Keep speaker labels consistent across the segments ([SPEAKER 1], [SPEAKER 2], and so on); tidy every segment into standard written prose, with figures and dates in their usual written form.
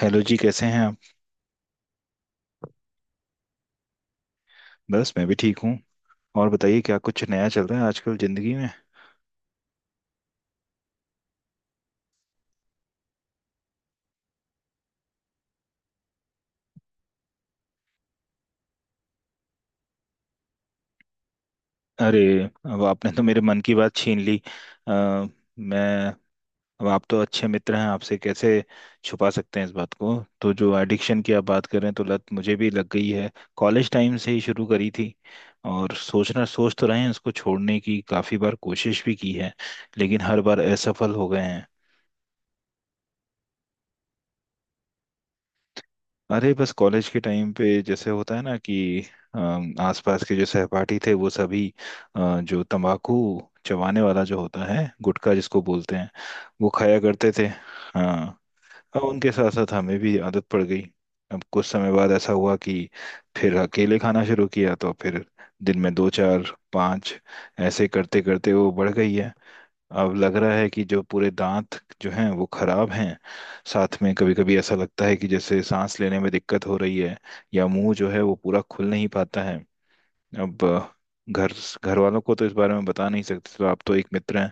[SPEAKER 1] Hello जी, कैसे हैं आप? बस मैं भी ठीक हूँ। और बताइए, क्या कुछ नया चल रहा है आजकल ज़िंदगी में? अरे, अब आपने तो मेरे मन की बात छीन ली। अ, मैं अब आप तो अच्छे मित्र हैं, आपसे कैसे छुपा सकते हैं इस बात को? तो जो एडिक्शन की आप बात कर रहे हैं, तो लत मुझे भी लग गई है। कॉलेज टाइम से ही शुरू करी थी। और सोच तो रहे हैं, उसको छोड़ने की काफ़ी बार कोशिश भी की है, लेकिन हर बार असफल हो गए हैं। अरे बस कॉलेज के टाइम पे जैसे होता है ना कि आसपास के जो सहपाठी थे वो सभी जो तंबाकू चबाने वाला जो होता है, गुटखा जिसको बोलते हैं, वो खाया करते थे। हाँ, अब उनके साथ साथ हमें भी आदत पड़ गई। अब कुछ समय बाद ऐसा हुआ कि फिर अकेले खाना शुरू किया, तो फिर दिन में दो, चार, पाँच, ऐसे करते करते वो बढ़ गई है। अब लग रहा है कि जो पूरे दांत जो हैं वो खराब हैं। साथ में कभी कभी ऐसा लगता है कि जैसे सांस लेने में दिक्कत हो रही है, या मुंह जो है वो पूरा खुल नहीं पाता है। अब अ, घर घर वालों को तो इस बारे में बता नहीं सकते, तो आप तो एक मित्र हैं।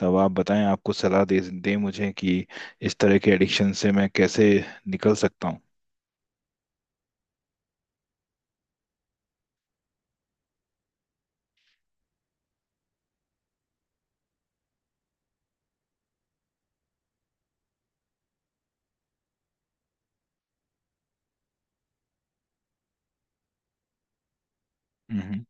[SPEAKER 1] तो अब आप बताएं, आपको सलाह दे दें मुझे कि इस तरह के एडिक्शन से मैं कैसे निकल सकता हूँ। हम्म,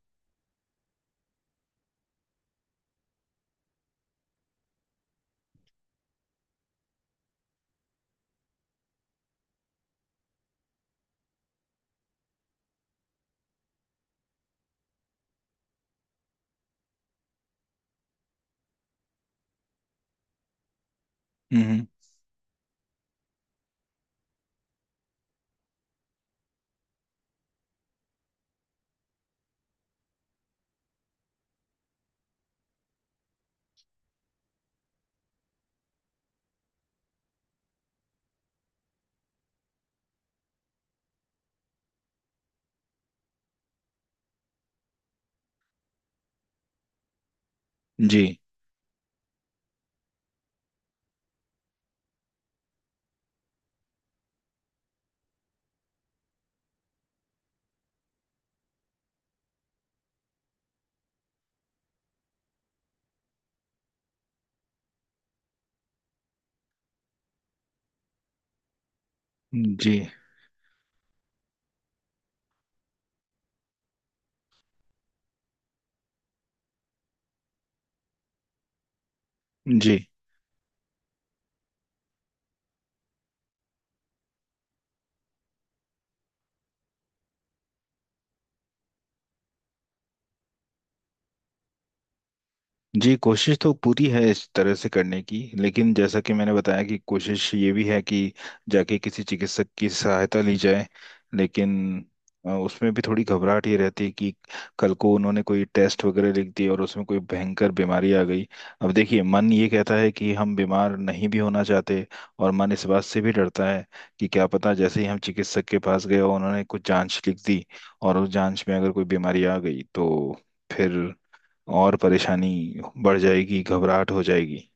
[SPEAKER 1] हम्म, हम्म। जी, जी। जी, जी, कोशिश तो पूरी है इस तरह से करने की, लेकिन जैसा कि मैंने बताया कि कोशिश ये भी है कि जाके किसी चिकित्सक की सहायता ली जाए। लेकिन उसमें भी थोड़ी घबराहट ये रहती है कि कल को उन्होंने कोई टेस्ट वगैरह लिख दिए और उसमें कोई भयंकर बीमारी आ गई। अब देखिए, मन ये कहता है कि हम बीमार नहीं भी होना चाहते, और मन इस बात से भी डरता है कि क्या पता जैसे ही हम चिकित्सक के पास गए और उन्होंने कुछ जांच लिख दी, और उस जांच में अगर कोई बीमारी आ गई तो फिर और परेशानी बढ़ जाएगी, घबराहट हो जाएगी।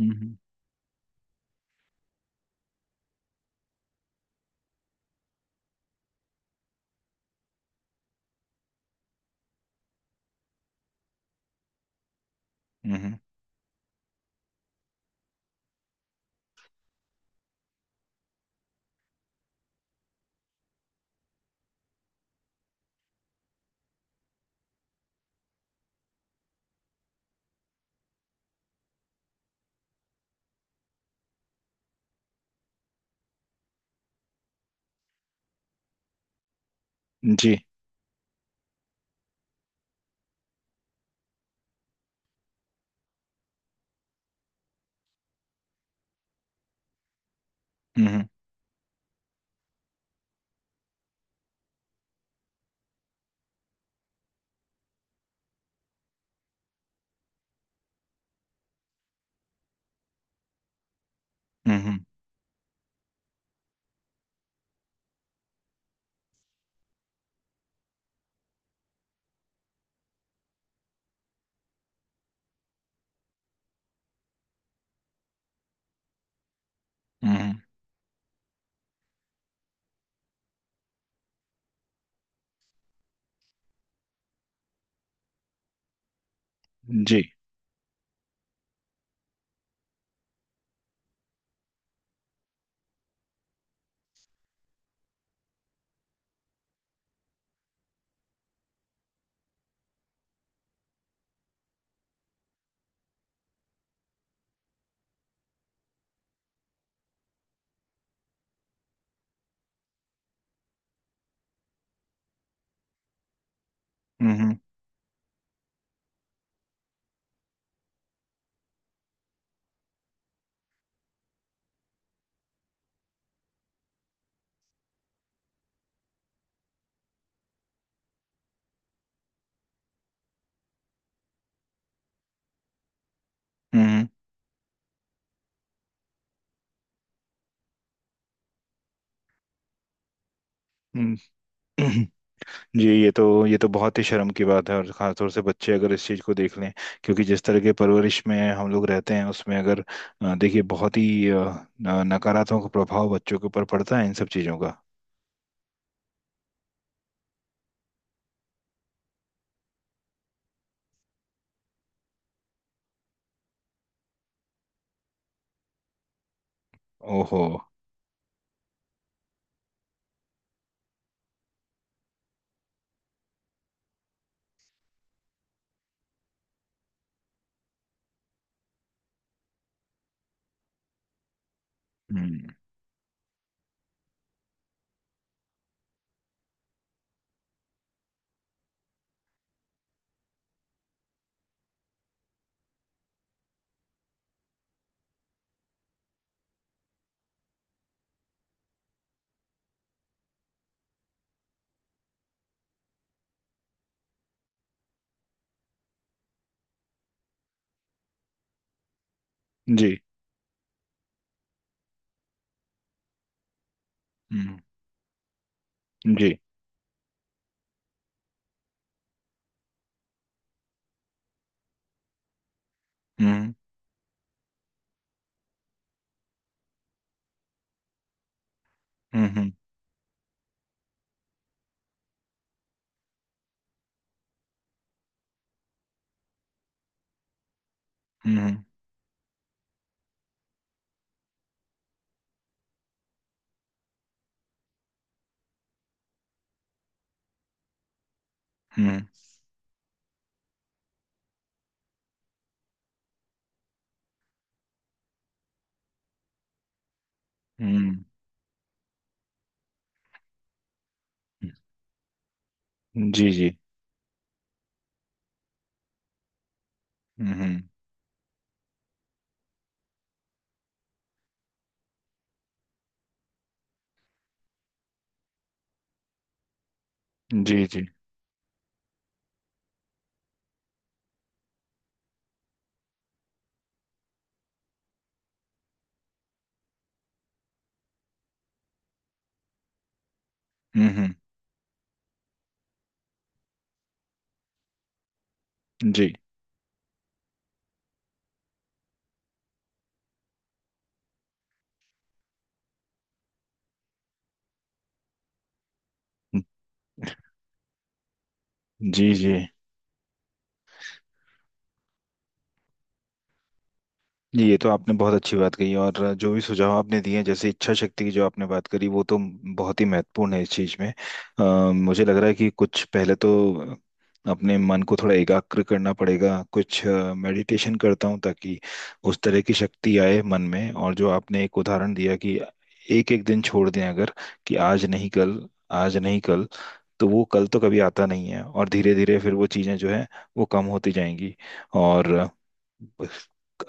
[SPEAKER 1] हम्म, हम्म। जी। हम्म, हम्म, हम्म, हम्म, हम्म। जी। हम्म, हम्म, हम्म, हम्म। जी, ये तो बहुत ही शर्म की बात है, और खासतौर से बच्चे अगर इस चीज़ को देख लें, क्योंकि जिस तरह के परवरिश में हम लोग रहते हैं उसमें अगर देखिए, बहुत ही नकारात्मक प्रभाव बच्चों के ऊपर पड़ता है इन सब चीज़ों का। ओहो। हम्म। जी। हम्म। जी। हम्म, हम्म, हम्म, हम्म, हम्म, हम्म। जी, जी। हम्म। जी, जी। हम्म। जी, जी। जी, जी, ये तो आपने बहुत अच्छी बात कही, और जो भी सुझाव आपने दिए हैं जैसे इच्छा शक्ति की जो आपने बात करी, वो तो बहुत ही महत्वपूर्ण है इस चीज में। मुझे लग रहा है कि कुछ पहले तो अपने मन को थोड़ा एकाग्र करना पड़ेगा, कुछ मेडिटेशन करता हूँ ताकि उस तरह की शक्ति आए मन में। और जो आपने एक उदाहरण दिया कि एक एक दिन छोड़ दें, अगर कि आज नहीं कल, आज नहीं कल, तो वो कल तो कभी आता नहीं है, और धीरे धीरे फिर वो चीज़ें जो है वो कम होती जाएंगी। और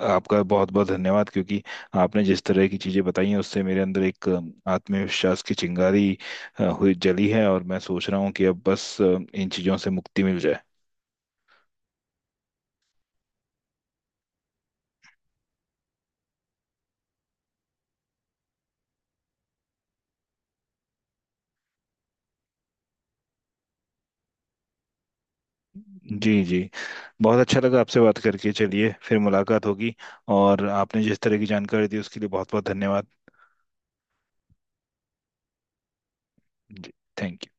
[SPEAKER 1] आपका बहुत बहुत धन्यवाद, क्योंकि आपने जिस तरह की चीज़ें बताई हैं उससे मेरे अंदर एक आत्मविश्वास की चिंगारी अ, हुई जली है, और मैं सोच रहा हूँ कि अब बस इन चीज़ों से मुक्ति मिल जाए। जी, जी, बहुत अच्छा लगा आपसे बात करके, चलिए फिर मुलाकात होगी। और आपने जिस तरह की जानकारी दी उसके लिए बहुत बहुत धन्यवाद। जी, थैंक यू।